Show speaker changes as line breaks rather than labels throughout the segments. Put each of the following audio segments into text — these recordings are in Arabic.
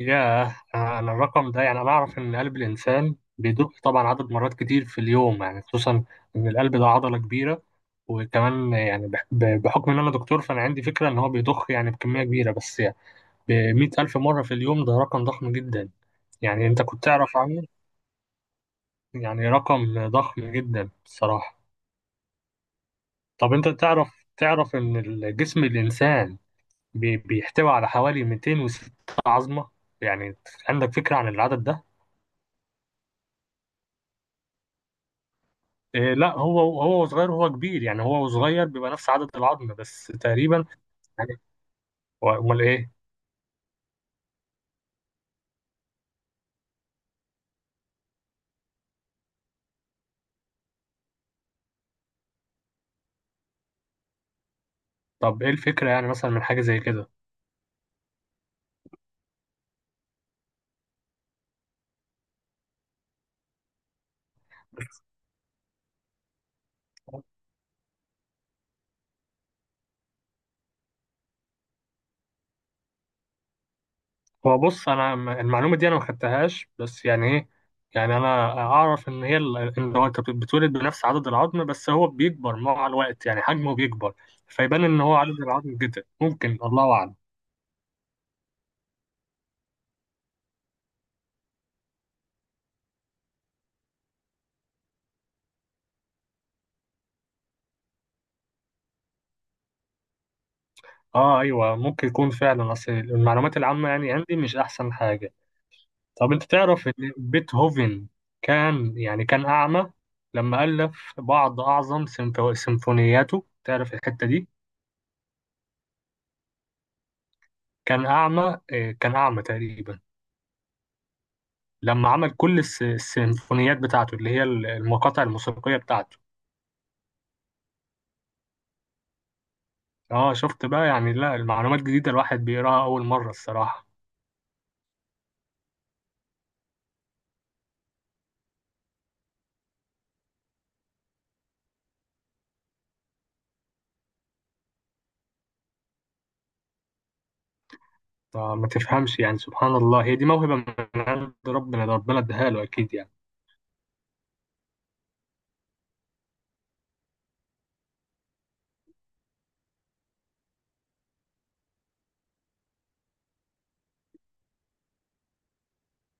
ياه، أنا الرقم ده، يعني أنا أعرف إن قلب الإنسان بيدق طبعا عدد مرات كتير في اليوم، يعني خصوصا إن القلب ده عضلة كبيرة. وكمان يعني بحكم إن أنا دكتور، فأنا عندي فكرة إن هو بيضخ يعني بكمية كبيرة، بس يعني بمية ألف مرة في اليوم ده رقم ضخم جدا. يعني أنت كنت تعرف عنه؟ يعني رقم ضخم جدا بصراحة. طب أنت تعرف إن الجسم الإنسان بيحتوي على حوالي 206 عظمة. يعني عندك فكرة عن العدد ده؟ إيه، لا هو صغير وهو كبير، يعني هو صغير بيبقى نفس عدد العظم بس تقريبا. يعني امال ايه؟ طب ايه الفكره يعني مثلا من حاجه زي كده؟ هو بص، انا المعلومه دي انا ما خدتهاش، بس يعني ايه، يعني انا اعرف ان هي ان هو انت بتولد بنفس عدد العظم، بس هو بيكبر مع الوقت يعني حجمه بيكبر، فيبان ان هو عدد العظم جدا، ممكن الله اعلم. اه ايوه، ممكن يكون فعلا، اصل المعلومات العامه يعني عندي مش احسن حاجه. طب انت تعرف ان بيتهوفن كان يعني كان اعمى لما الف بعض اعظم سيمفونياته؟ تعرف الحته دي؟ كان اعمى. كان اعمى تقريبا لما عمل كل السيمفونيات بتاعته، اللي هي المقاطع الموسيقيه بتاعته. اه شفت بقى، يعني لا المعلومات جديده، الواحد بيقراها اول مره الصراحه. ما تفهمش يعني، سبحان الله، هي دي موهبه من عند ربنا، ده ربنا اداها له اكيد يعني.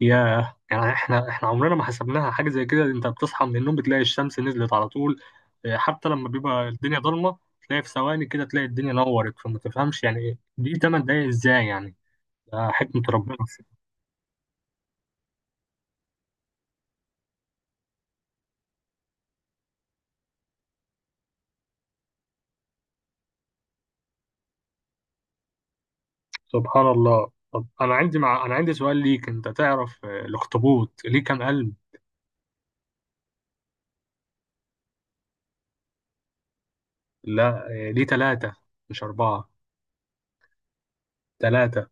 ياه، يعني احنا عمرنا ما حسبناها حاجه زي كده. انت بتصحى من النوم بتلاقي الشمس نزلت على طول. اه، حتى لما بيبقى الدنيا ضلمه، تلاقي في ثواني كده تلاقي الدنيا نورت، فما تفهمش يعني ايه دي 8 دقايق ازاي يعني. ده حكمه ربنا سبحان الله. طب انا انا عندي سؤال ليك. انت تعرف الاخطبوط ليه كام قلب؟ لا، ليه ثلاثه مش اربعه. ثلاثه.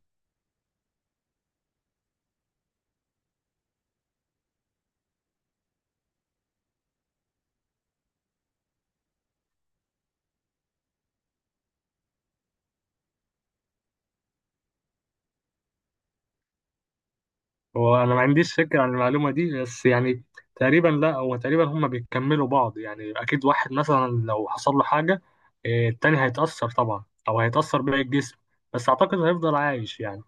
هو انا ما عنديش فكره عن المعلومه دي، بس يعني تقريبا، لا هو تقريبا هما بيكملوا بعض يعني، اكيد واحد مثلا لو حصل له حاجه إيه، التاني هيتاثر طبعا، او هيتاثر باقي الجسم، بس اعتقد هيفضل عايش يعني.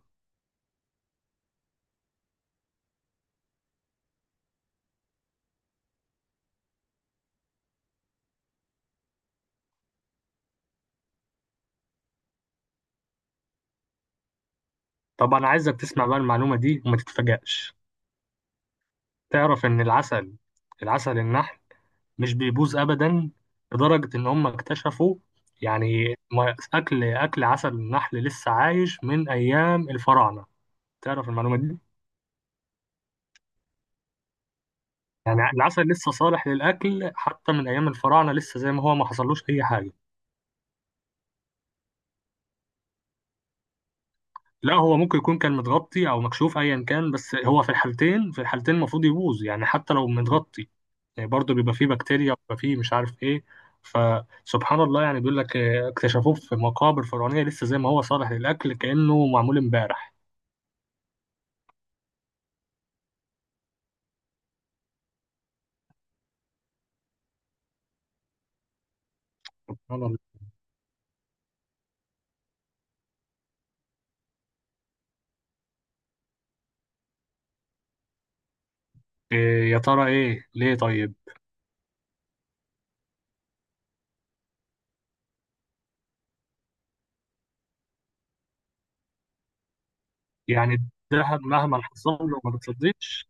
طب انا عايزك تسمع بقى المعلومه دي وما تتفاجئش. تعرف ان العسل النحل مش بيبوظ ابدا؟ لدرجه ان هم اكتشفوا، يعني اكل عسل النحل لسه عايش من ايام الفراعنه. تعرف المعلومه دي؟ يعني العسل لسه صالح للأكل حتى من أيام الفراعنة، لسه زي ما هو، ما حصلوش أي حاجة. لا هو ممكن يكون كان متغطي أو مكشوف أيا كان، بس هو في الحالتين المفروض يبوظ يعني، حتى لو متغطي، يعني برضه بيبقى فيه بكتيريا، بيبقى فيه مش عارف إيه. فسبحان الله، يعني بيقول لك اكتشفوه في مقابر فرعونية لسه زي ما هو صالح للأكل، كأنه معمول امبارح. سبحان الله. إيه يا ترى؟ إيه ليه طيب؟ يعني الذهب مهما حصل له ما بتصدقش؟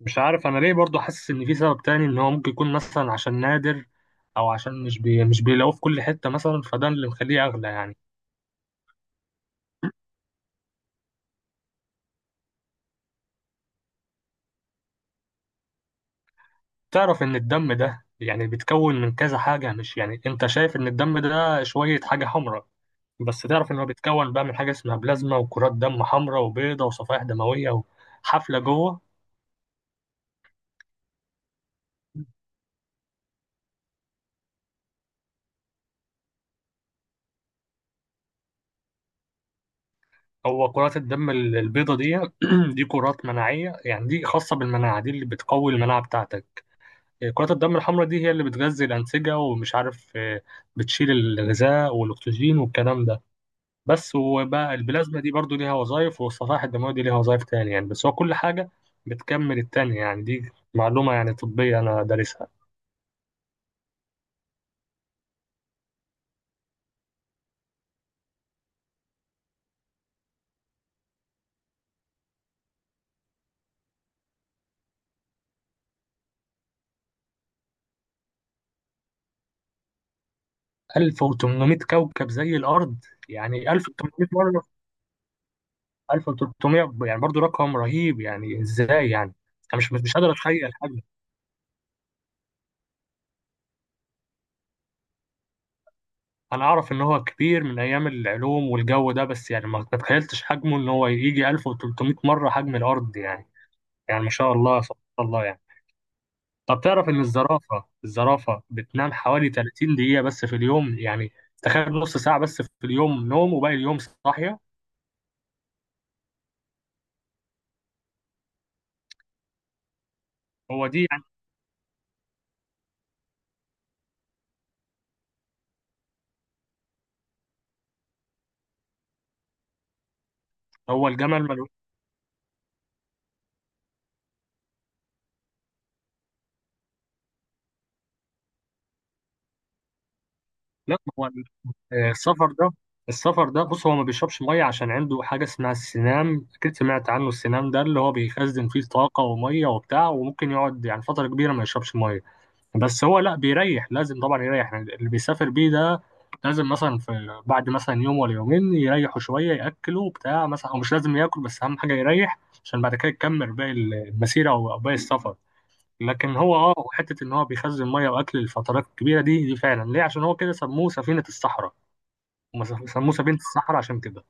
مش عارف انا ليه، برضو حاسس ان في سبب تاني، ان هو ممكن يكون مثلا عشان نادر، او عشان مش بيلاقوه في كل حتة مثلا، فده اللي مخليه اغلى يعني. تعرف ان الدم ده يعني بيتكون من كذا حاجة؟ مش يعني انت شايف ان الدم ده شوية حاجة حمراء، بس تعرف ان هو بيتكون بقى من حاجة اسمها بلازما، وكرات دم حمراء وبيضة، وصفائح دموية، وحفلة جوه. هو كرات الدم البيضة دي دي كرات مناعية، يعني دي خاصة بالمناعة، دي اللي بتقوي المناعة بتاعتك. كرات الدم الحمراء دي هي اللي بتغذي الأنسجة، ومش عارف بتشيل الغذاء والأكسجين والكلام ده بس. وبقى البلازما دي برضو ليها وظائف، والصفائح الدموية دي ليها وظائف تانية يعني، بس هو كل حاجة بتكمل التانية يعني. دي معلومة يعني طبية أنا دارسها. 1800 كوكب زي الأرض، يعني 1800 مرة. 1300، يعني برضو رقم رهيب، يعني إزاي يعني؟ أنا مش قادر أتخيل حاجة. انا اعرف ان هو كبير من ايام العلوم والجو ده، بس يعني ما تتخيلتش حجمه ان هو يجي 1300 مره حجم الارض يعني. يعني ما شاء الله، سبحان الله يعني. طب تعرف ان الزرافه بتنام حوالي 30 دقيقه بس في اليوم يعني؟ تخيل نص ساعه بس في اليوم نوم، وباقي اليوم صاحيه. هو دي يعني. هو الجمل ملوش. لا هو السفر ده، السفر ده بص، هو ما بيشربش ميه عشان عنده حاجه اسمها السنام، اكيد سمعت عنه السنام ده، اللي هو بيخزن فيه طاقه وميه وبتاع، وممكن يقعد يعني فتره كبيره ما يشربش ميه. بس هو لا بيريح، لازم طبعا يريح، يعني اللي بيسافر بيه ده لازم مثلا في، بعد مثلا يوم ولا يومين، يريحوا شوية، يأكلوا بتاع مثلا، أو مش لازم ياكل بس أهم حاجة يريح، عشان بعد كده يكمل باقي المسيرة أو باقي السفر. لكن هو حتة إن هو بيخزن مية وأكل للفترات الكبيرة دي فعلا ليه، عشان هو كده سموه سفينة الصحراء. هم سموه سفينة الصحراء عشان كده.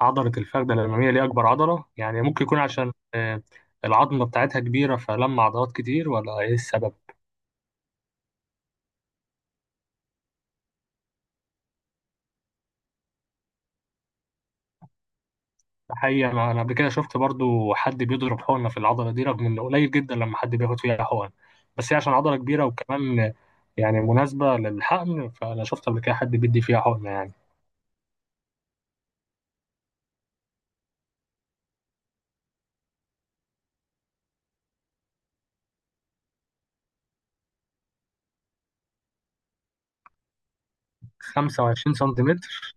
عضلة الفخذة الأمامية دي أكبر عضلة، يعني ممكن يكون عشان العظمة بتاعتها كبيرة، فلما عضلات كتير، ولا إيه السبب؟ حقيقة أنا قبل كده شفت برضو حد بيضرب حقنة في العضلة دي، رغم إنه قليل جدا لما حد بياخد فيها حقن، بس هي عشان عضلة كبيرة وكمان يعني مناسبة للحقن، فأنا شفت قبل كده حد بيدي فيها حقنة يعني. 25 سنتيمتر؟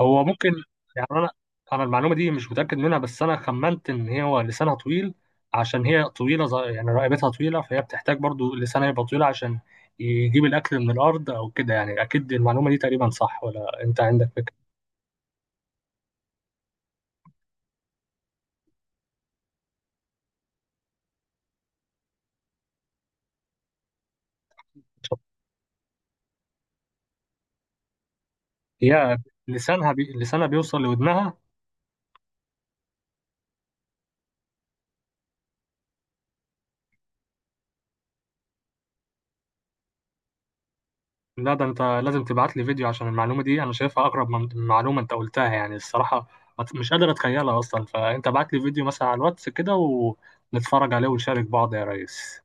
هو ممكن يعني، أنا المعلومة دي مش متأكد منها، بس أنا خمنت إن هو لسانها طويل عشان هي طويلة، يعني رقبتها طويلة، فهي بتحتاج برضو لسانها يبقى طويل عشان يجيب الأكل من الأرض أو كده يعني. أكيد المعلومة دي تقريبا صح، ولا أنت عندك فكرة؟ يا، لسانها بيوصل لودنها؟ لا ده انت لازم تبعت لي فيديو، عشان المعلومه دي انا شايفها اقرب من معلومه انت قلتها يعني الصراحه. ما ت- مش قادر اتخيلها اصلا، فانت بعت لي فيديو مثلا على الواتس كده، ونتفرج عليه ونشارك بعض يا ريس.